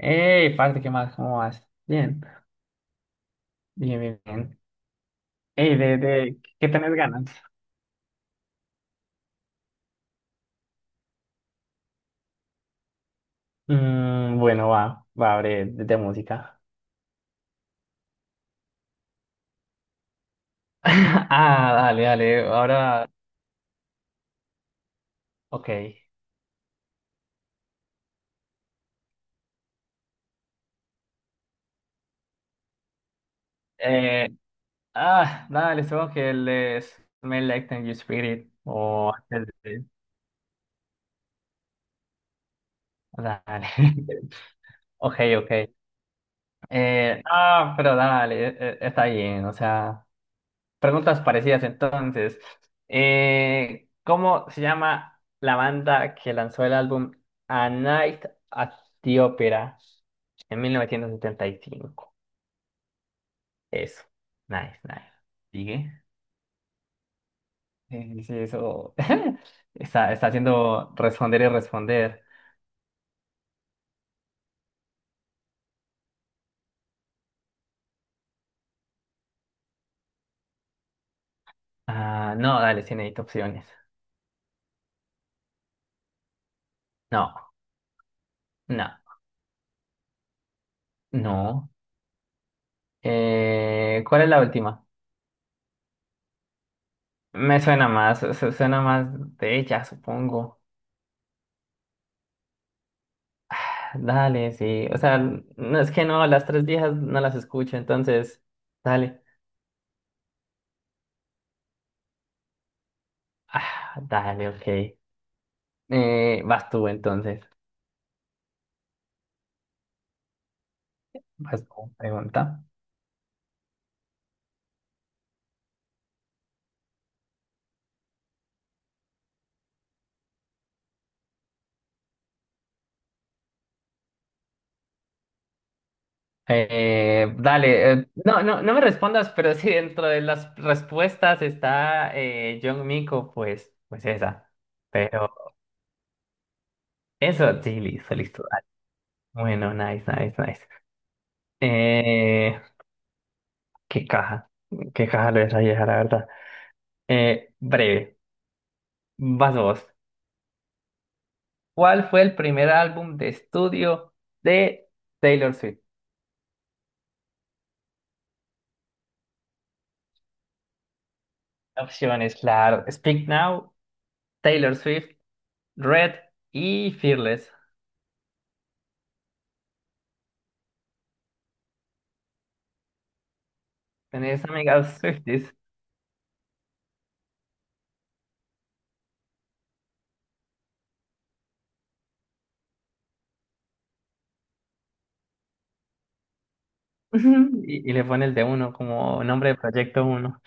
Ey, parte, ¿qué más? ¿Cómo vas? Bien, bien, bien, bien. Ey, ¿qué tenés ganas? Mm, bueno, va, va, abre de música. Ah, dale, dale, ahora, ok. Eh, ah, dale, supongo que les me Like Teen Spirit o antes de- Dale. Ok, ok. Ah, pero dale, está bien, o sea. Preguntas parecidas entonces. ¿Cómo se llama la banda que lanzó el álbum A Night at the Opera en 1975? Eso. Nice, nice. ¿Sigue? Sí, eso está haciendo responder y responder. Ah, no, dale, sí necesito opciones. No, no, no. ¿Cuál es la última? Me suena más, suena más de ella, supongo. Dale, sí. O sea, no es que no, las tres viejas no las escucho, entonces, dale. Ah, dale, ok. Vas tú entonces. Vas tú, pregunta. Dale, no, no, no me respondas, pero si dentro de las respuestas está John Mico, pues esa. Pero eso, sí, listo, listo. Dale. Bueno, nice, nice, nice. Eh, qué caja, qué caja lo de esa vieja, la verdad. Breve, vas vos. ¿Cuál fue el primer álbum de estudio de Taylor Swift? Opciones, claro. Speak Now, Taylor Swift, Red y Fearless. Tenés amigas Swifties. Ujú. Y le pones de uno como nombre de proyecto uno.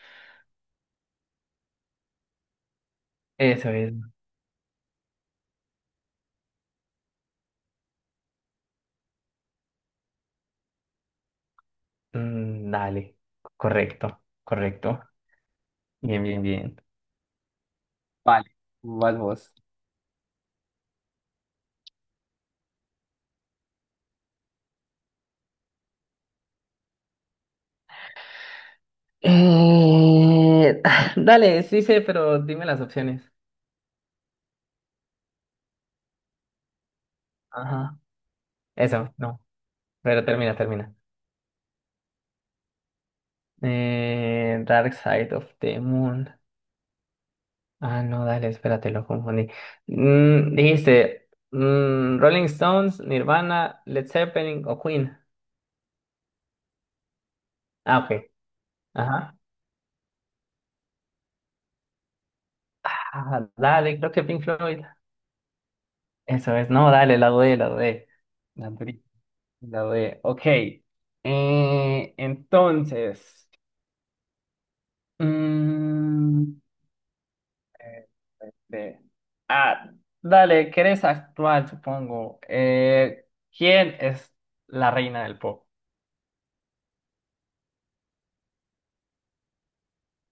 Eso es. Mm, dale. Correcto, correcto. Bien, bien, bien. Vale, vas vos. Eh, Dale, sí sé, pero dime las opciones. Ajá. Eso, no. Pero termina, termina. Dark Side of the Moon. Ah, no, dale, espérate, lo confundí. Dijiste, Rolling Stones, Nirvana, Led Zeppelin o Queen. Ah, ok. Ajá. Ah, dale, creo que Pink Floyd. Eso es, no, dale, la dudé, la dudé. La dudé, la dudé. Ok. Entonces. mm, Este, ah, dale, querés actuar, supongo. ¿Quién es la reina del pop?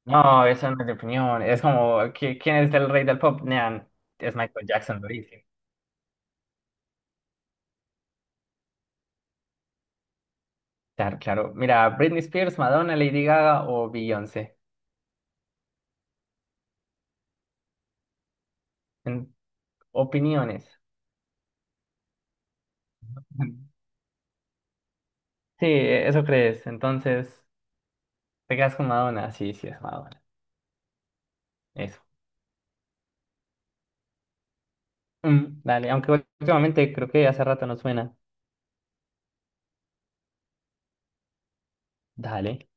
No, eso no es de opinión. Es como, ¿quién es el rey del pop? Nean, es Michael Jackson, lo dice. Claro, claro. Mira, Britney Spears, Madonna, Lady Gaga o Beyoncé. En opiniones. Ujú. Sí, eso crees. Entonces, ¿te quedas con Madonna? Sí, sí, es Madonna. Eso. Dale, aunque últimamente creo que hace rato no suena. Dale,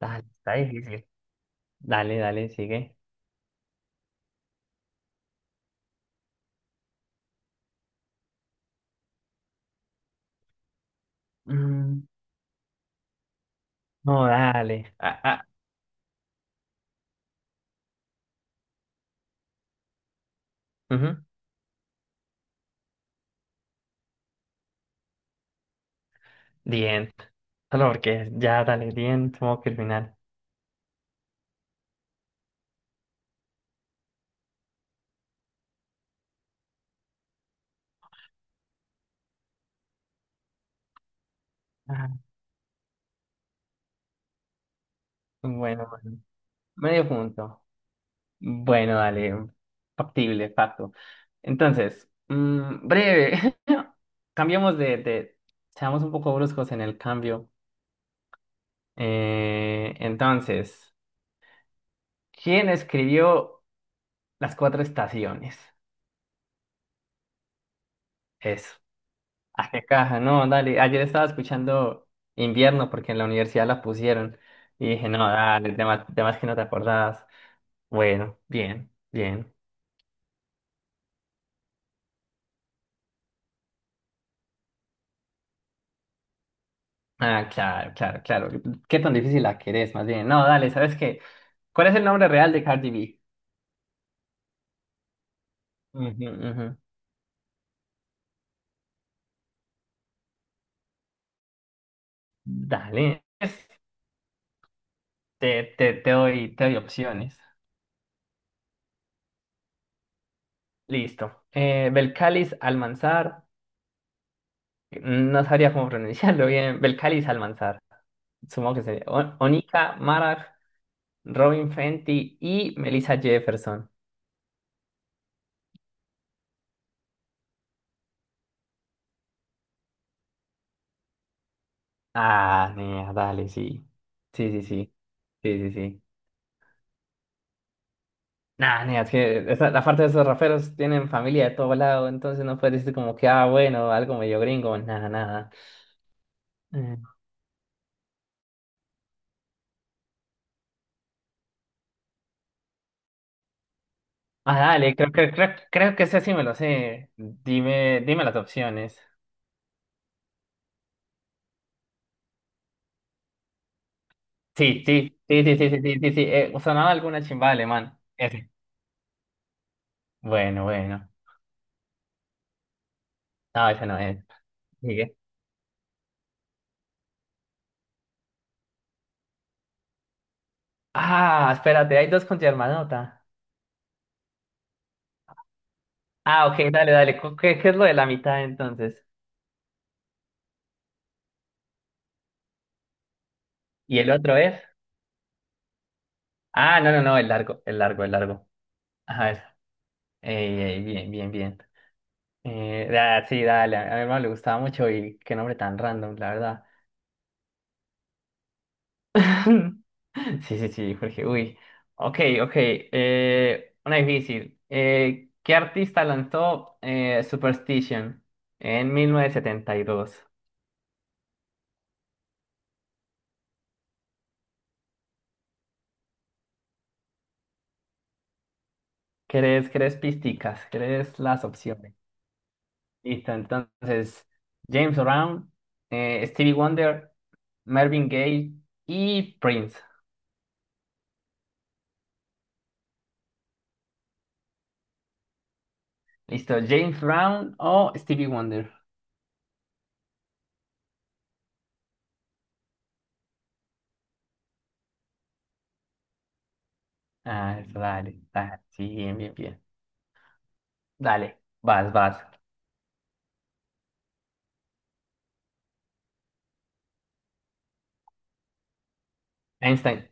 dale, está difícil. Dale, dale, sigue. Mm, no, dale. Ah, ah, ujú. The End. Solo porque ya, dale, The End, modo criminal. Ah, bueno, bueno. Medio punto. Bueno, dale. Factible, facto. Entonces, breve. Cambiamos de... Seamos un poco bruscos en el cambio. Entonces, ¿quién escribió Las Cuatro Estaciones? Eso. Ah, qué caja, no, dale. Ayer estaba escuchando Invierno porque en la universidad la pusieron y dije, no, dale, temas, temas que no te acordabas. Bueno, bien, bien. Ah, claro, claro, claro. ¿Qué tan difícil la querés, más bien? No, dale, ¿sabes qué? ¿Cuál es el nombre real de Cardi B? Ujú, ujú. Dale. Te doy opciones. Listo. Belcalis Almanzar. No sabría cómo pronunciarlo bien. Belcalis Almanzar. Supongo que sería. Onika Marar. Robin Fenty y Melissa Jefferson. Ah, nea, dale, sí. Sí, sí, sí. Sí, sí, sí. Nah, nea, es que la parte de esos raperos tienen familia de todo lado, entonces no puedes decir como que, ah, bueno, algo medio gringo, nada, nada. Eh, Ah, dale, creo que ese sí me lo sé. Dime, dime las opciones. Sí, sí, sí, sí, sí, sí, sí, sí, sí. Sonaba alguna chimba alemán. Ese. Bueno, bueno. No, ese no es. Sigue. Ah, espérate, hay dos con Germanota. Ah, ok, dale, dale. ¿Qué es lo de la mitad entonces? ¿Y el otro es? Ah, no, no, no, el largo, el largo, el largo. Ajá, eso. Ey, ey, bien, bien, bien. Sí, dale, a mi hermano le gustaba mucho y qué nombre tan random, la verdad. Sí, sí, sí, Jorge, uy. Ok, ok. Una difícil. ¿Qué artista lanzó Superstition en 1972? ¿Querés pisticas? ¿Querés las opciones? Listo, entonces, James Brown, Stevie Wonder, Marvin Gaye y Prince. Listo, James Brown o Stevie Wonder. Ah, eso, dale, dale, sí, bien, bien, bien. Dale, vas, vas. Einstein,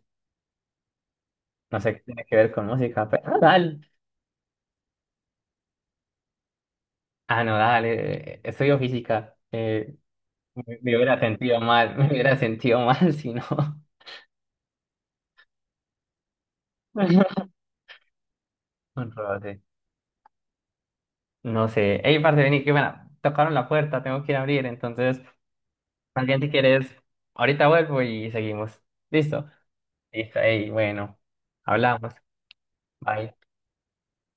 no sé qué tiene que ver con música, pero ah, dale. Ah, no, dale, estudio física. Me hubiera sentido mal, me hubiera sentido mal si no. Un roce. No sé. Ey, parce, vení, que bueno, tocaron la puerta, tengo que ir a abrir, entonces. Más bien, si quieres, ahorita vuelvo y seguimos. ¿Listo? Listo, ey, bueno, hablamos. Bye.